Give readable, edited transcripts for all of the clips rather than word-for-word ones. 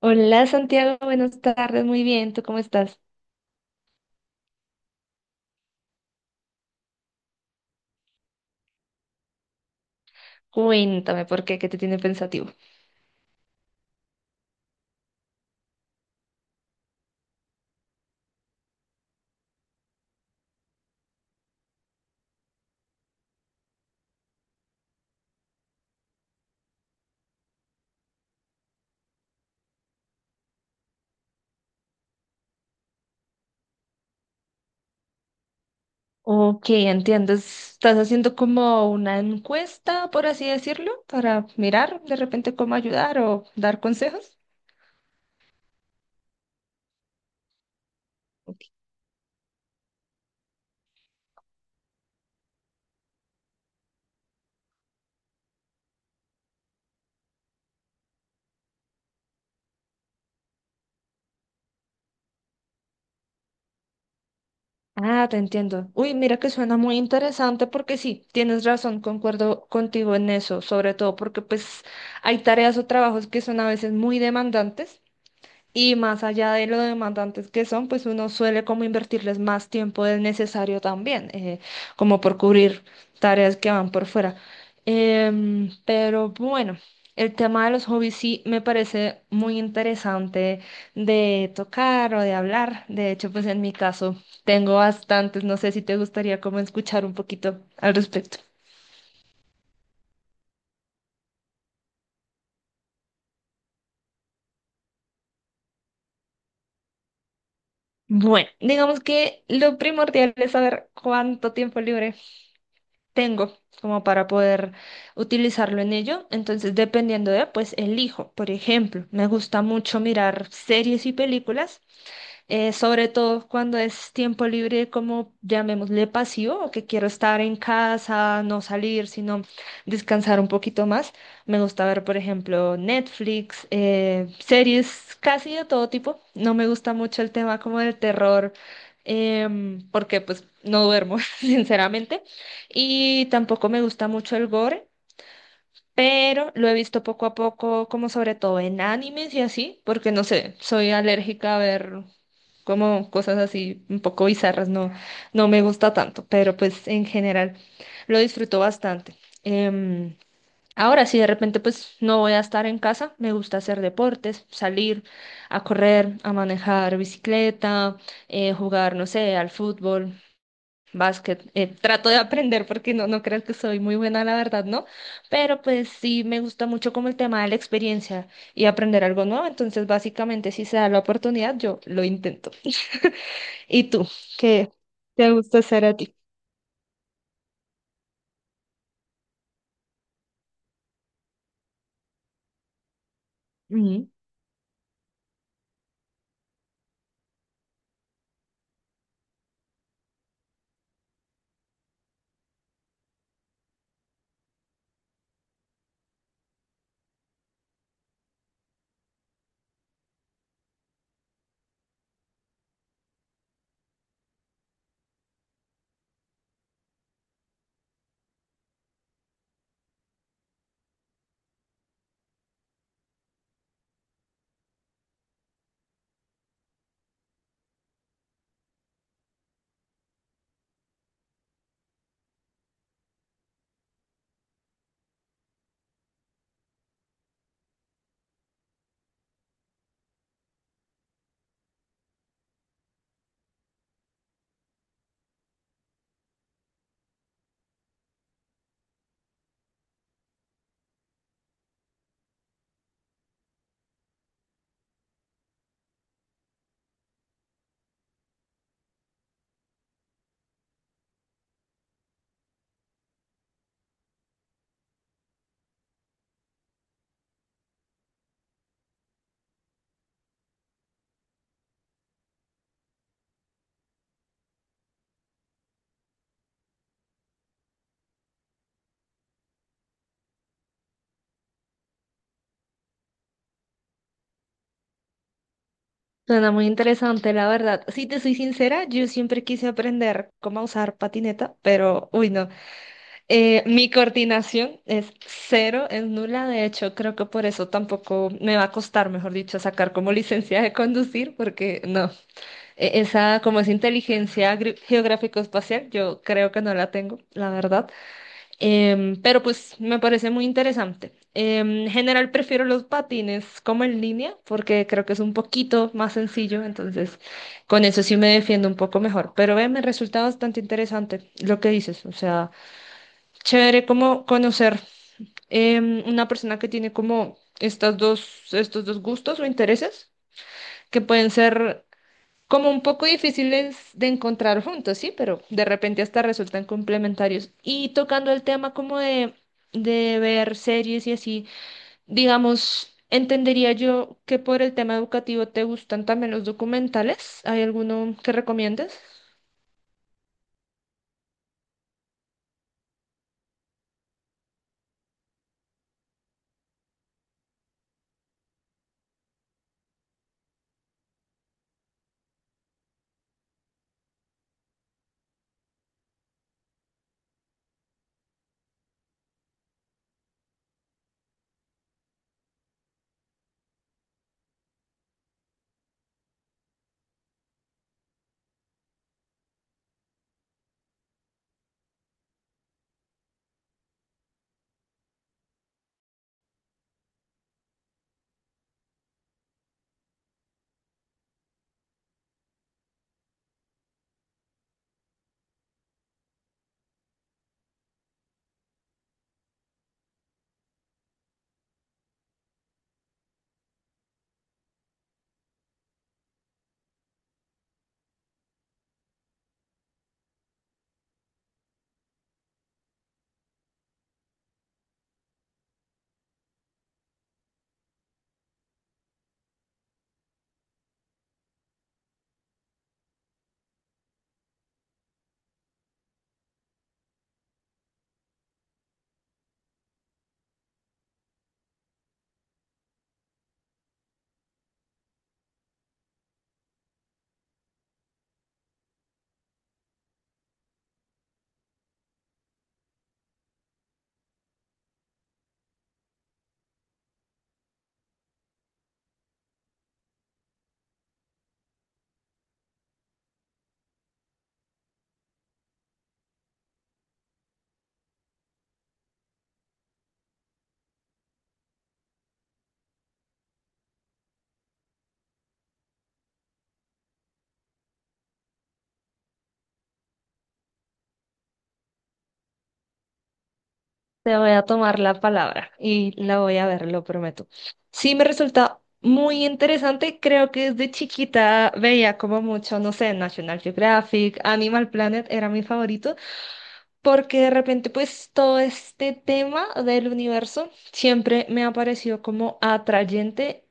Hola Santiago, buenas tardes, muy bien, ¿tú cómo estás? Cuéntame por qué, qué te tiene pensativo. Ok, entiendo, estás haciendo como una encuesta, por así decirlo, para mirar de repente cómo ayudar o dar consejos. Ok. Ah, te entiendo. Uy, mira que suena muy interesante porque sí, tienes razón, concuerdo contigo en eso, sobre todo porque pues hay tareas o trabajos que son a veces muy demandantes. Y más allá de lo demandantes que son, pues uno suele como invertirles más tiempo del necesario también, como por cubrir tareas que van por fuera. Pero bueno, el tema de los hobbies sí me parece muy interesante de tocar o de hablar. De hecho, pues en mi caso tengo bastantes, no sé si te gustaría como escuchar un poquito al respecto. Bueno, digamos que lo primordial es saber cuánto tiempo libre tengo como para poder utilizarlo en ello. Entonces, dependiendo de, pues elijo. Por ejemplo, me gusta mucho mirar series y películas, sobre todo cuando es tiempo libre, como llamémosle pasivo, o que quiero estar en casa, no salir, sino descansar un poquito más. Me gusta ver, por ejemplo, Netflix, series casi de todo tipo. No me gusta mucho el tema como del terror. Porque pues no duermo, sinceramente, y tampoco me gusta mucho el gore, pero lo he visto poco a poco, como sobre todo en animes y así, porque no sé, soy alérgica a ver como cosas así un poco bizarras, no, no me gusta tanto, pero pues en general lo disfruto bastante. Em, Ahora, si de repente pues no voy a estar en casa, me gusta hacer deportes, salir a correr, a manejar bicicleta, jugar, no sé, al fútbol. Básquet, eh, trato de aprender porque no creo que soy muy buena, la verdad, ¿no? Pero pues sí me gusta mucho como el tema de la experiencia y aprender algo nuevo. Entonces, básicamente, si se da la oportunidad, yo lo intento. ¿Y tú? ¿Qué te gusta hacer a ti? Ujú. Suena muy interesante, la verdad. Si te soy sincera, yo siempre quise aprender cómo usar patineta, pero, uy, no. Mi coordinación es cero, es nula. De hecho, creo que por eso tampoco me va a costar, mejor dicho, sacar como licencia de conducir, porque no. Esa, como es inteligencia geográfico-espacial, yo creo que no la tengo, la verdad. Pero pues me parece muy interesante. En general prefiero los patines como en línea porque creo que es un poquito más sencillo, entonces con eso sí me defiendo un poco mejor. Pero me resulta bastante interesante lo que dices, o sea, chévere como conocer em, una persona que tiene como estas estos dos gustos o intereses que pueden ser como un poco difíciles de encontrar juntos, sí, pero de repente hasta resultan complementarios. Y tocando el tema como de ver series y así, digamos, entendería yo que por el tema educativo te gustan también los documentales. ¿Hay alguno que recomiendes? Te voy a tomar la palabra y la voy a ver, lo prometo. Sí, me resulta muy interesante. Creo que desde chiquita veía como mucho, no sé, National Geographic, Animal Planet era mi favorito, porque de repente pues todo este tema del universo siempre me ha parecido como atrayente,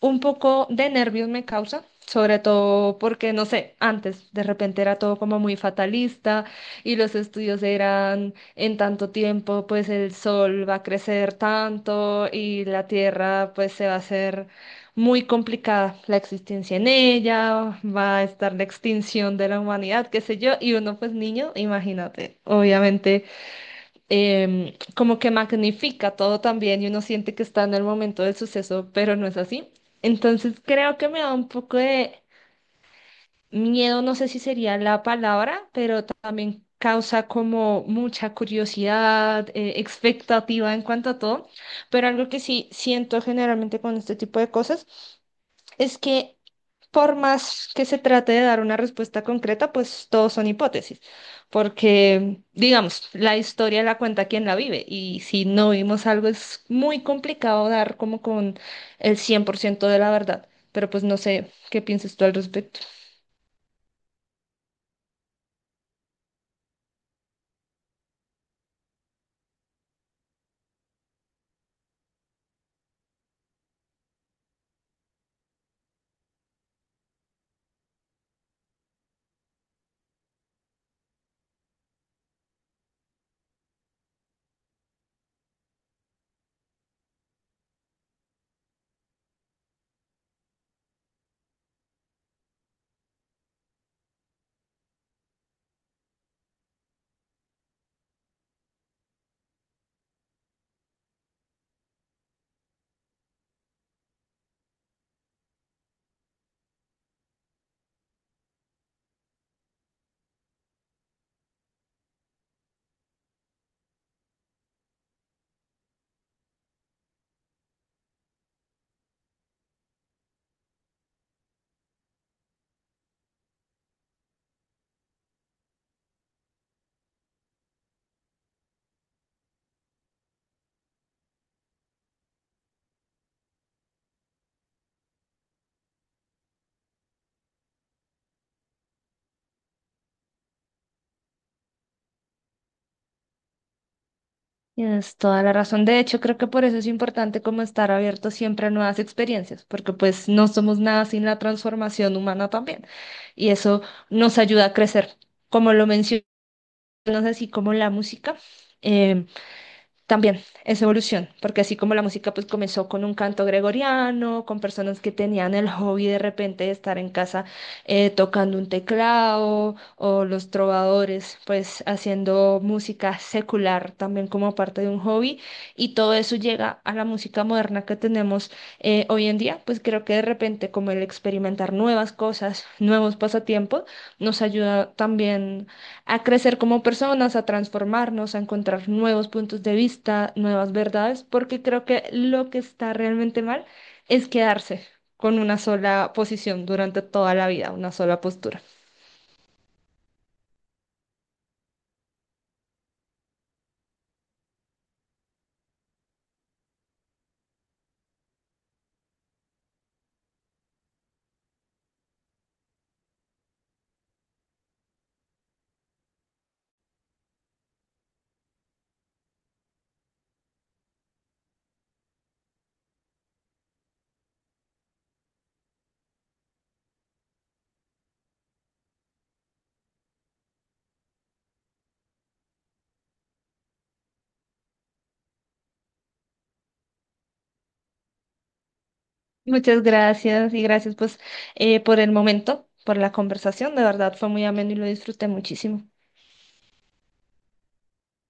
un poco de nervios me causa, sobre todo porque, no sé, antes de repente era todo como muy fatalista y los estudios eran en tanto tiempo, pues el sol va a crecer tanto y la tierra pues se va a hacer muy complicada la existencia en ella, va a estar la extinción de la humanidad, qué sé yo, y uno pues niño, imagínate, obviamente em, como que magnifica todo también y uno siente que está en el momento del suceso, pero no es así. Entonces creo que me da un poco de miedo, no sé si sería la palabra, pero también causa como mucha curiosidad, expectativa en cuanto a todo. Pero algo que sí siento generalmente con este tipo de cosas es que por más que se trate de dar una respuesta concreta, pues todos son hipótesis, porque, digamos, la historia la cuenta quien la vive y si no vimos algo es muy complicado dar como con el 100% de la verdad, pero pues no sé qué piensas tú al respecto. Tienes toda la razón. De hecho, creo que por eso es importante como estar abierto siempre a nuevas experiencias, porque pues no somos nada sin la transformación humana también y eso nos ayuda a crecer. Como lo mencioné, así como la música, eh, también es evolución, porque así como la música pues comenzó con un canto gregoriano, con personas que tenían el hobby de repente de estar en casa tocando un teclado, o los trovadores pues haciendo música secular también como parte de un hobby, y todo eso llega a la música moderna que tenemos hoy en día, pues creo que de repente como el experimentar nuevas cosas, nuevos pasatiempos, nos ayuda también a crecer como personas, a transformarnos, a encontrar nuevos puntos de vista, nuevas verdades, porque creo que lo que está realmente mal es quedarse con una sola posición durante toda la vida, una sola postura. Muchas gracias y gracias pues por el momento, por la conversación. De verdad fue muy ameno y lo disfruté muchísimo.